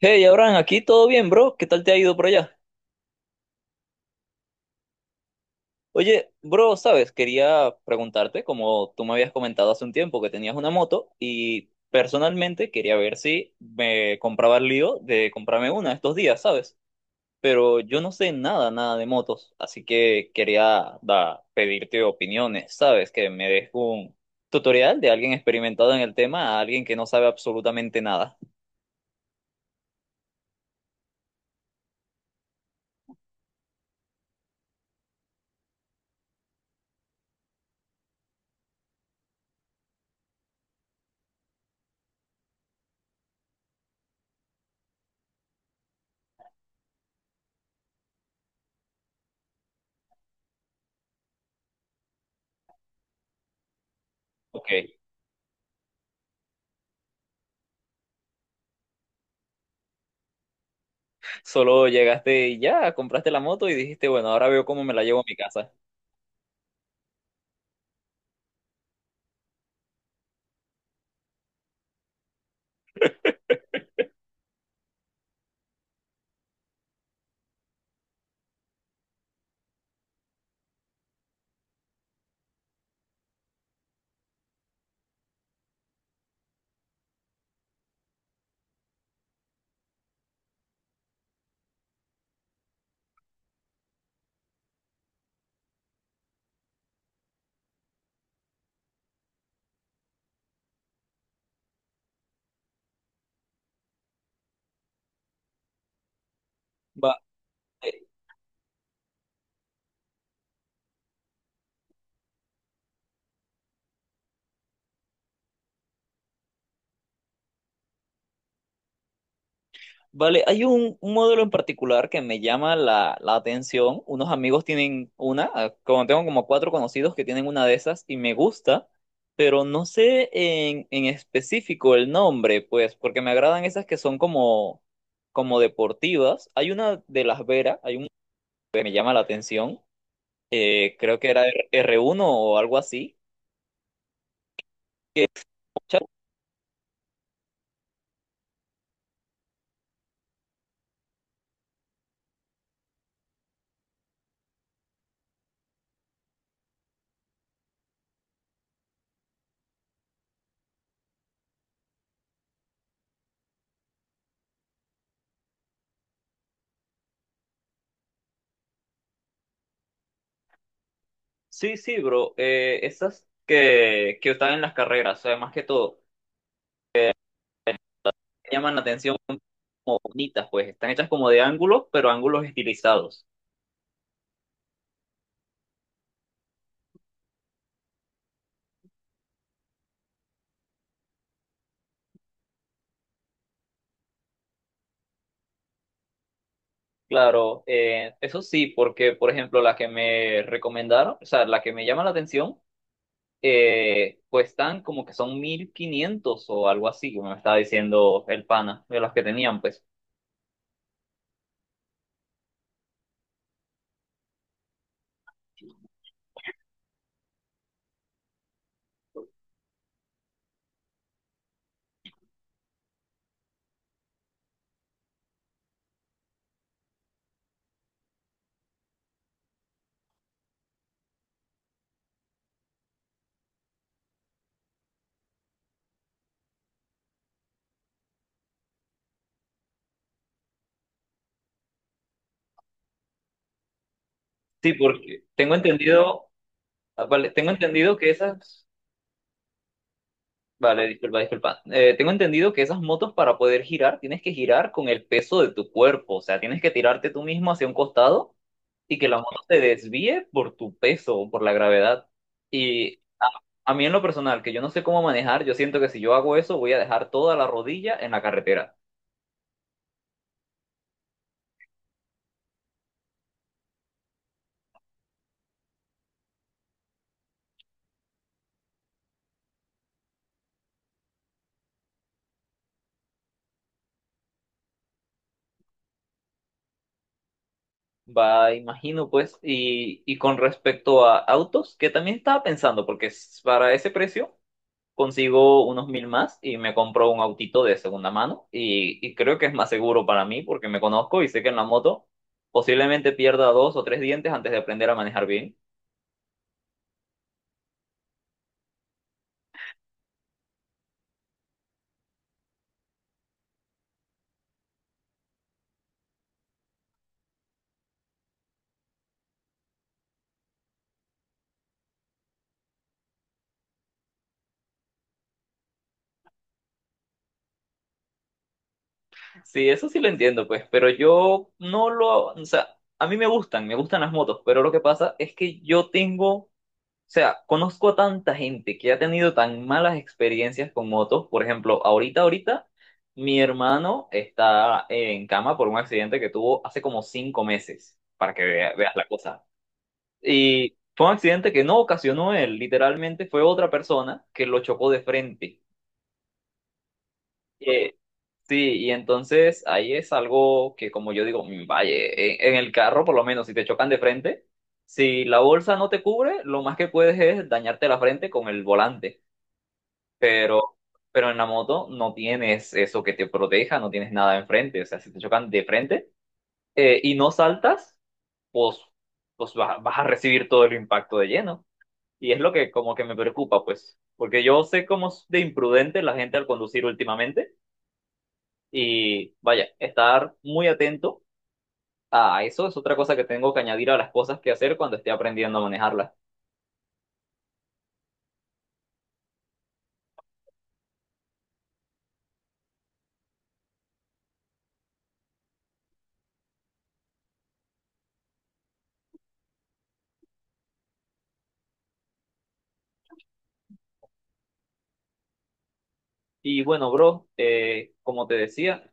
Hey, Abraham, aquí todo bien, bro. ¿Qué tal te ha ido por allá? Oye, bro, sabes, quería preguntarte, como tú me habías comentado hace un tiempo que tenías una moto y personalmente quería ver si me compraba el lío de comprarme una estos días, ¿sabes? Pero yo no sé nada, nada de motos, así que quería pedirte opiniones, ¿sabes? Que me des un tutorial de alguien experimentado en el tema a alguien que no sabe absolutamente nada. Ok. Solo llegaste y ya, compraste la moto y dijiste, bueno, ahora veo cómo me la llevo a mi casa. Va, eh, vale, hay un modelo en particular que me llama la atención. Unos amigos tienen una, como tengo como cuatro conocidos que tienen una de esas y me gusta, pero no sé en específico el nombre, pues, porque me agradan esas que son como, como deportivas. Hay una de Las Veras, hay un que me llama la atención, creo que era uno o algo así. Sí, sí, bro. Esas que están en las carreras, o sea, más que todo, llaman la atención como bonitas, pues están hechas como de ángulos, pero ángulos estilizados. Claro, eso sí, porque por ejemplo la que me recomendaron, o sea, la que me llama la atención, pues están como que son 1.500 o algo así, como me estaba diciendo el pana de las que tenían, pues. Sí, porque tengo entendido, vale, tengo entendido que esas... Vale, disculpa, disculpa. Tengo entendido que esas motos para poder girar tienes que girar con el peso de tu cuerpo, o sea, tienes que tirarte tú mismo hacia un costado y que la moto se desvíe por tu peso o por la gravedad. Y a mí en lo personal, que yo no sé cómo manejar, yo siento que si yo hago eso voy a dejar toda la rodilla en la carretera. Va, imagino pues, y con respecto a autos, que también estaba pensando, porque s- para ese precio, consigo unos mil más y me compro un autito de segunda mano y creo que es más seguro para mí porque me conozco y sé que en la moto posiblemente pierda dos o tres dientes antes de aprender a manejar bien. Sí, eso sí lo entiendo, pues, pero yo no lo, o sea, a mí me gustan las motos, pero lo que pasa es que yo tengo... O sea, conozco a tanta gente que ha tenido tan malas experiencias con motos. Por ejemplo, ahorita, ahorita, mi hermano está en cama por un accidente que tuvo hace como 5 meses, para que veas la cosa. Y fue un accidente que no ocasionó él, literalmente fue otra persona que lo chocó de frente. Eh, sí, y entonces ahí es algo que, como yo digo, vaya, en el carro, por lo menos, si te chocan de frente. Si la bolsa no te cubre, lo más que puedes es dañarte la frente con el volante. Pero, pero en la moto no tienes eso que te proteja, no tienes nada enfrente. O sea, si te chocan de frente y no saltas, pues, pues vas a recibir todo el impacto de lleno. Y es lo que como que me preocupa, pues, porque yo sé cómo es de imprudente la gente al conducir últimamente. Y vaya, estar muy atento a eso es otra cosa que tengo que añadir a las cosas que hacer cuando esté aprendiendo a manejarlas. Y bueno, bro, como te decía,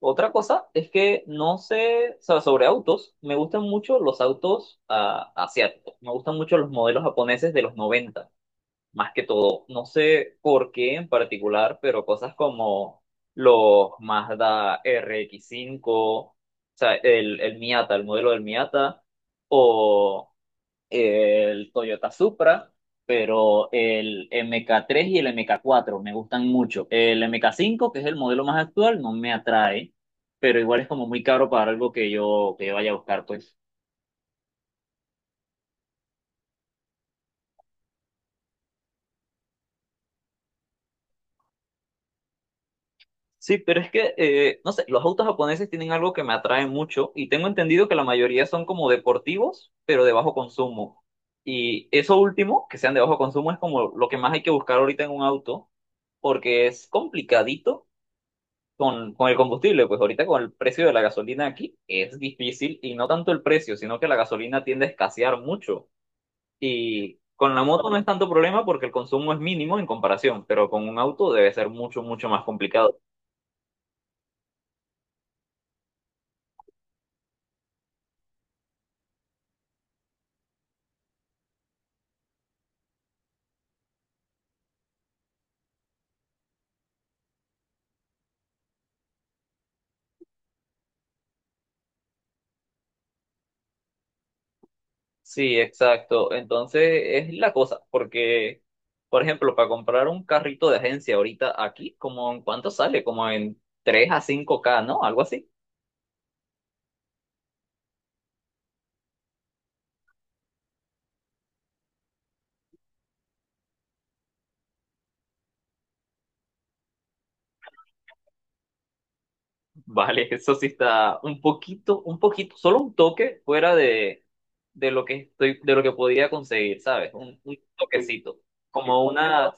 otra cosa es que no sé, o sea, sobre autos, me gustan mucho los autos asiáticos, me gustan mucho los modelos japoneses de los 90, más que todo. No sé por qué en particular, pero cosas como los Mazda RX5, o sea, el Miata, el modelo del Miata, o el Toyota Supra, pero el MK3 y el MK4 me gustan mucho. El MK5, que es el modelo más actual, no me atrae, pero igual es como muy caro para algo que yo vaya a buscar, pues. Sí, pero es que, no sé, los autos japoneses tienen algo que me atrae mucho y tengo entendido que la mayoría son como deportivos, pero de bajo consumo. Y eso último, que sean de bajo consumo, es como lo que más hay que buscar ahorita en un auto, porque es complicadito con el combustible, pues ahorita con el precio de la gasolina aquí es difícil y no tanto el precio, sino que la gasolina tiende a escasear mucho. Y con la moto no es tanto problema porque el consumo es mínimo en comparación, pero con un auto debe ser mucho, mucho más complicado. Sí, exacto. Entonces es la cosa, porque, por ejemplo, para comprar un carrito de agencia ahorita aquí, como en cuánto sale, como en 3 a 5K, ¿no? Algo así. Vale, eso sí está un poquito, solo un toque fuera de lo que estoy, de lo que podía conseguir, ¿sabes? Un toquecito. Como una,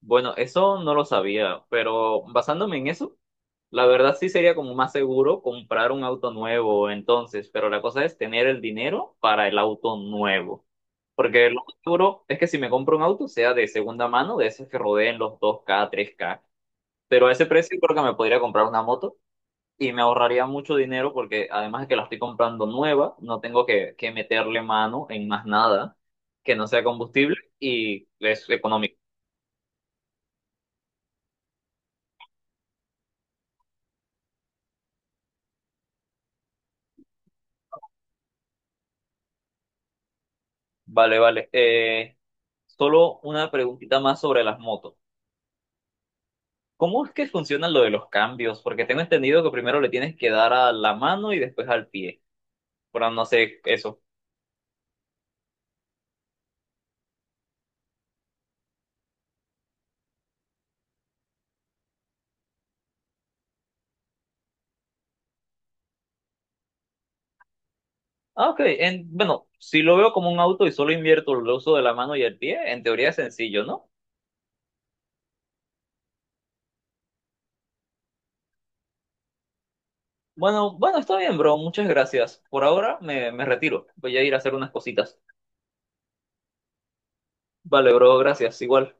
bueno, eso no lo sabía, pero basándome en eso, la verdad sí sería como más seguro comprar un auto nuevo entonces, pero la cosa es tener el dinero para el auto nuevo. Porque lo más seguro es que si me compro un auto sea de segunda mano, de esos que rodeen los 2K-3K. Pero a ese precio creo que me podría comprar una moto y me ahorraría mucho dinero porque además de que la estoy comprando nueva, no tengo que meterle mano en más nada que no sea combustible y es económico. Vale, vale. Solo una preguntita más sobre las motos. ¿Cómo es que funciona lo de los cambios? Porque tengo entendido que primero le tienes que dar a la mano y después al pie. Pero no sé eso. Ah, ok. En- bueno, si lo veo como un auto y solo invierto el uso de la mano y el pie, en teoría es sencillo, ¿no? Bueno, bueno, está bien, bro. Muchas gracias. Por ahora me retiro. Voy a ir a hacer unas cositas. Vale, bro, gracias. Igual.